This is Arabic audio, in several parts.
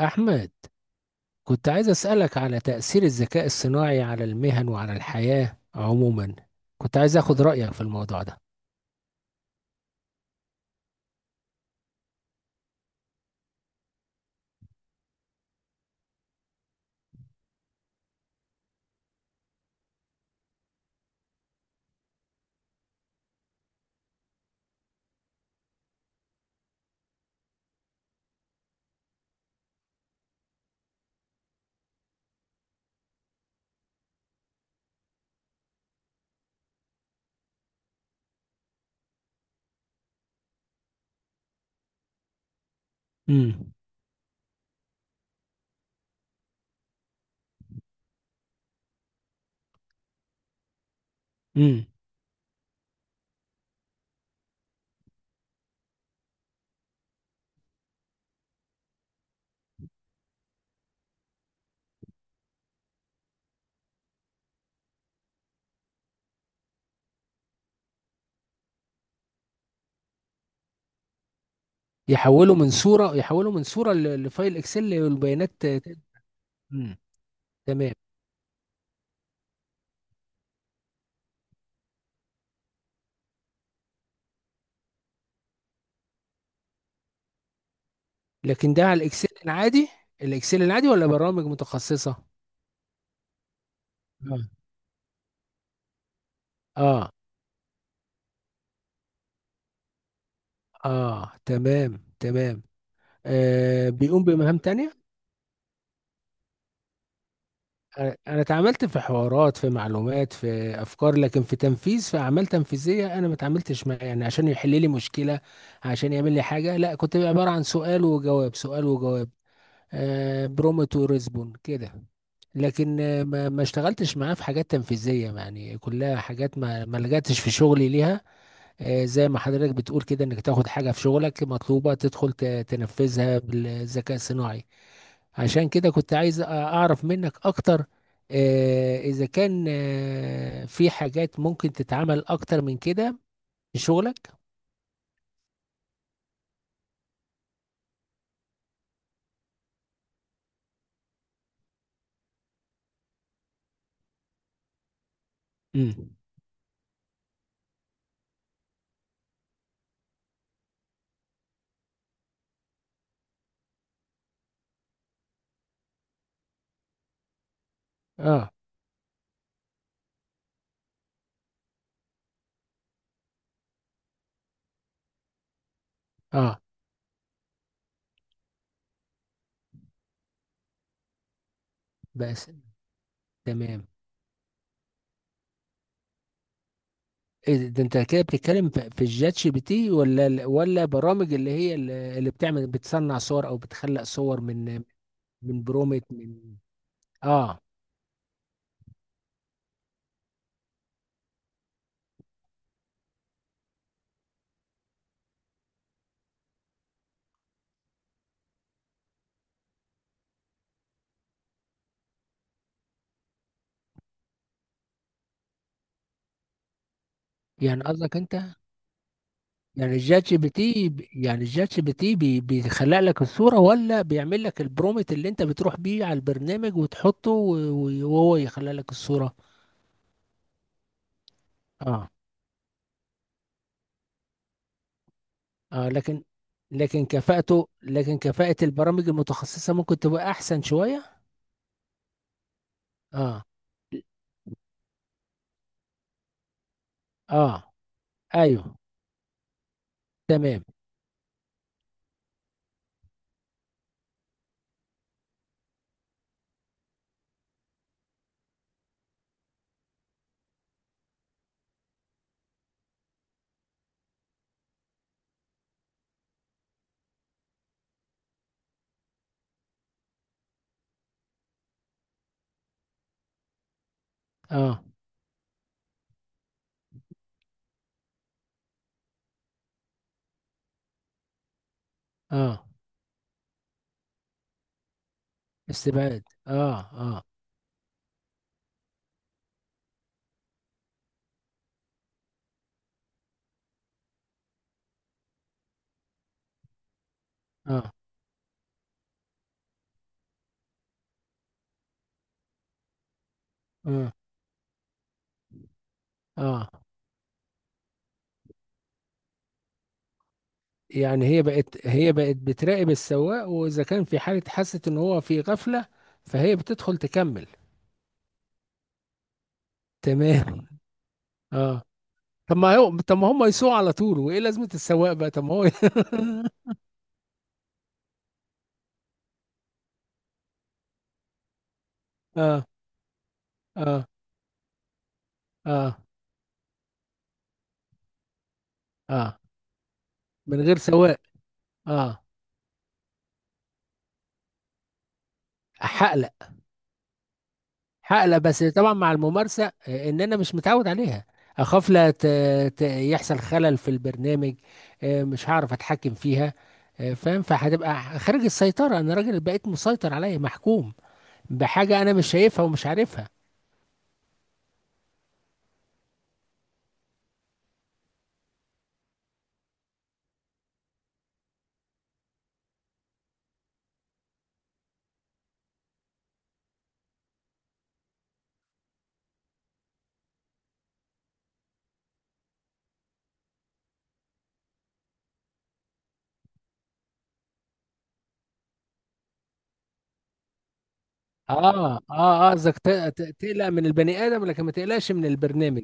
أحمد، كنت عايز أسألك على تأثير الذكاء الصناعي على المهن وعلى الحياة عموما. كنت عايز أخد رأيك في الموضوع ده. امم امم. يحولوا من صورة، لفايل إكسل والبيانات. امم. تمام. لكن ده على الإكسل العادي؟ الإكسل العادي ولا برامج متخصصة؟ آه. آه. آه، تمام تمام. آه، بيقوم بمهام تانية. أنا اتعاملت في حوارات، في معلومات، في افكار، لكن في تنفيذ، في اعمال تنفيذيه، انا ما اتعاملتش معاه يعني عشان يحل لي مشكله، عشان يعمل لي حاجه، لا. كنت عباره عن سؤال وجواب، سؤال وجواب. آه، برومت وريسبون كده. لكن ما اشتغلتش معاه في حاجات تنفيذيه، يعني كلها حاجات ما لجأتش في شغلي ليها. آه، زي ما حضرتك بتقول كده، انك تاخد حاجه في شغلك مطلوبه تدخل تنفذها بالذكاء الصناعي. عشان كده كنت عايز اعرف منك اكتر، اذا كان في حاجات ممكن تتعمل اكتر من كده في شغلك. امم. اه. اه، بس. تمام. إيه ده؟ انت كده بتتكلم في الجات جي بي تي ولا ولا برامج اللي هي اللي بتعمل، بتصنع صور او بتخلق صور من من برومت، من؟ اه. يعني قصدك انت يعني الشات جي بي تي يعني الشات جي بي تي بيخلق لك الصورة ولا بيعمل لك البرومت اللي انت بتروح بيه على البرنامج وتحطه وهو يخلق لك الصورة؟ اه. اه، لكن، لكن كفاءته لكن كفاءة البرامج المتخصصة ممكن تبقى احسن شوية. اه. اه، ايوه، تمام. اه. اه، استبعاد. اه. اه. اه. اه. آه. يعني هي بقت، بتراقب السواق، واذا كان في حاله حست ان هو في غفله فهي بتدخل تكمل. تمام. اه. طب ما هو، ما هم يسوقوا على طول؟ وايه لازمه السواق بقى؟ طب ما هو. اه. اه. اه. اه، من غير سواق. اه. حقلق. حقلق، بس طبعا مع الممارسه، ان انا مش متعود عليها. اخاف لا يحصل خلل في البرنامج، مش هعرف اتحكم فيها، فاهم، فهتبقى خارج السيطره. انا راجل بقيت مسيطر، عليا محكوم بحاجة أنا مش شايفها ومش عارفها. آه. آه. آه، قصدك تقلق من البني آدم لكن ما تقلقش من البرنامج.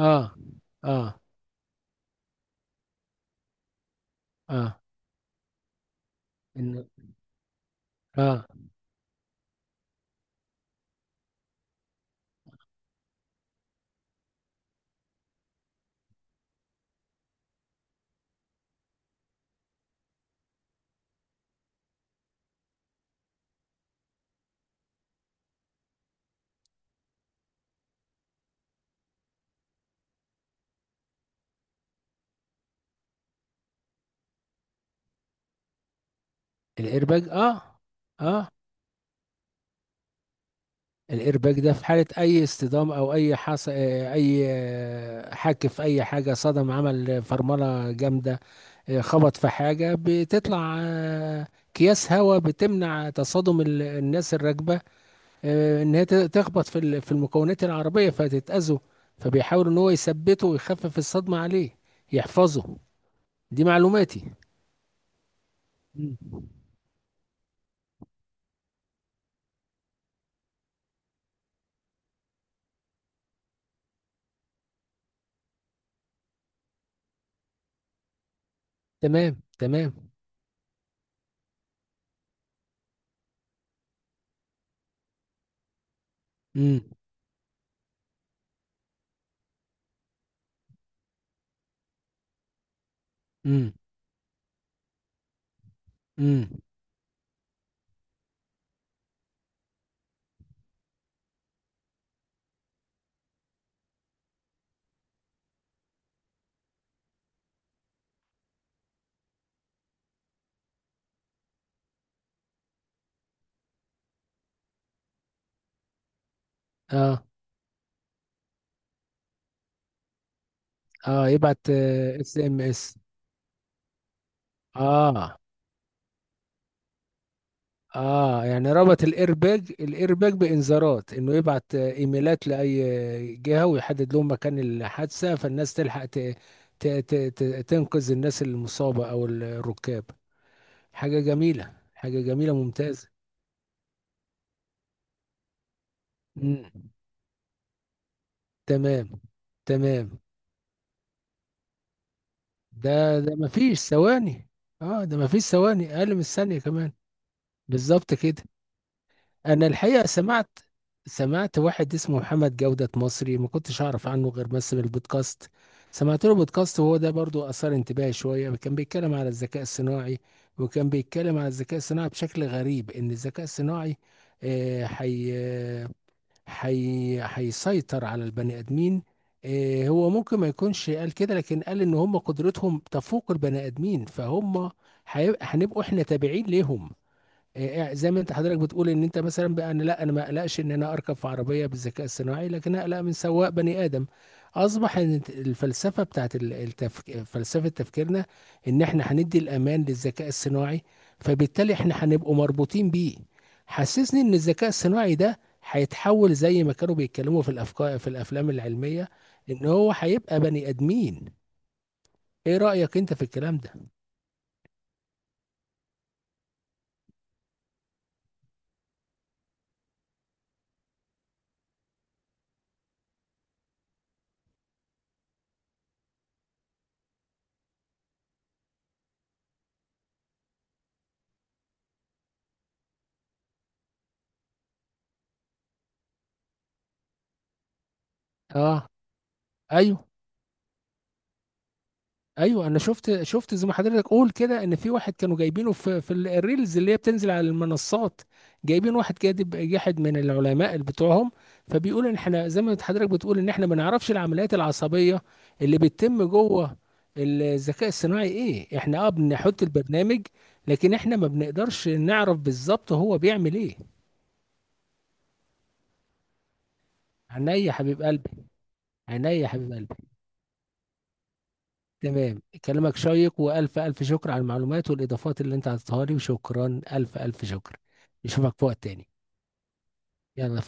آه. آه. آه، إن. آه. الإيرباج؟ آه. آه. الإيرباج ده في حالة أي اصطدام، أو أي حص... آه، أي، حك في أي حاجة، صدم، عمل فرملة جامدة، خبط في حاجة، بتطلع أكياس هواء بتمنع تصادم الناس الراكبة، ان هي تخبط في في المكونات العربيه فتتاذوا. فبيحاول ان هو يثبته ويخفف الصدمه عليه، يحفظه. دي معلوماتي. مم. تمام تمام. امم. امم. امم. اه. اه، يبعت اس ام اس. اه. اه، يعني ربط الايرباج بانذارات انه يبعت، ايميلات، لاي جهه، ويحدد لهم مكان الحادثه، فالناس تلحق ت... ت... ت- تنقذ الناس المصابه او الركاب. حاجة جميلة، حاجة جميلة، ممتازة. مم. تمام تمام. ده مفيش ثواني. اه، ده مفيش ثواني، اقل من الثانية كمان. بالظبط كده. انا الحقيقة سمعت، سمعت واحد اسمه محمد جودة، مصري، ما كنتش اعرف عنه غير بس من البودكاست. سمعت له بودكاست، وهو ده برضو اثار انتباهي شوية. كان بيتكلم على الذكاء الصناعي، وكان بيتكلم على الذكاء الصناعي بشكل غريب، ان الذكاء الصناعي حي، هيسيطر على البني ادمين. هو ممكن ما يكونش قال كده، لكن قال ان هم قدرتهم تفوق البني ادمين، هنبقوا احنا تابعين ليهم. زي ما انت حضرتك بتقول ان انت مثلا، بقى انا لا، انا ما اقلقش ان انا اركب في عربيه بالذكاء الصناعي، لكن اقلق من سواق بني ادم. اصبح ان الفلسفه بتاعت فلسفه تفكيرنا ان احنا هندي الامان للذكاء الصناعي، فبالتالي احنا هنبقوا مربوطين بيه. حسسني ان الذكاء الصناعي ده هيتحول زي ما كانوا بيتكلموا في الافكار في الافلام العلميه، ان هو هيبقى بني ادمين. ايه رايك انت في الكلام ده؟ اه. ايوه. ايوه، انا شفت، شفت زي ما حضرتك قول كده، ان في واحد كانوا جايبينه في الريلز اللي هي بتنزل على المنصات. جايبين واحد كاتب جاحد من العلماء اللي بتوعهم، فبيقول ان احنا زي ما حضرتك بتقول، ان احنا ما نعرفش العمليات العصبيه اللي بتتم جوه الذكاء الصناعي. ايه احنا؟ اه، بنحط البرنامج، لكن احنا ما بنقدرش نعرف بالظبط هو بيعمل ايه. عينيا يا حبيب قلبي. عينيا يا حبيب قلبي. تمام، كلامك شيق، والف الف شكر على المعلومات والاضافات اللي انت عطيتها لي، وشكرا، الف الف شكر. نشوفك في وقت تاني. يلا.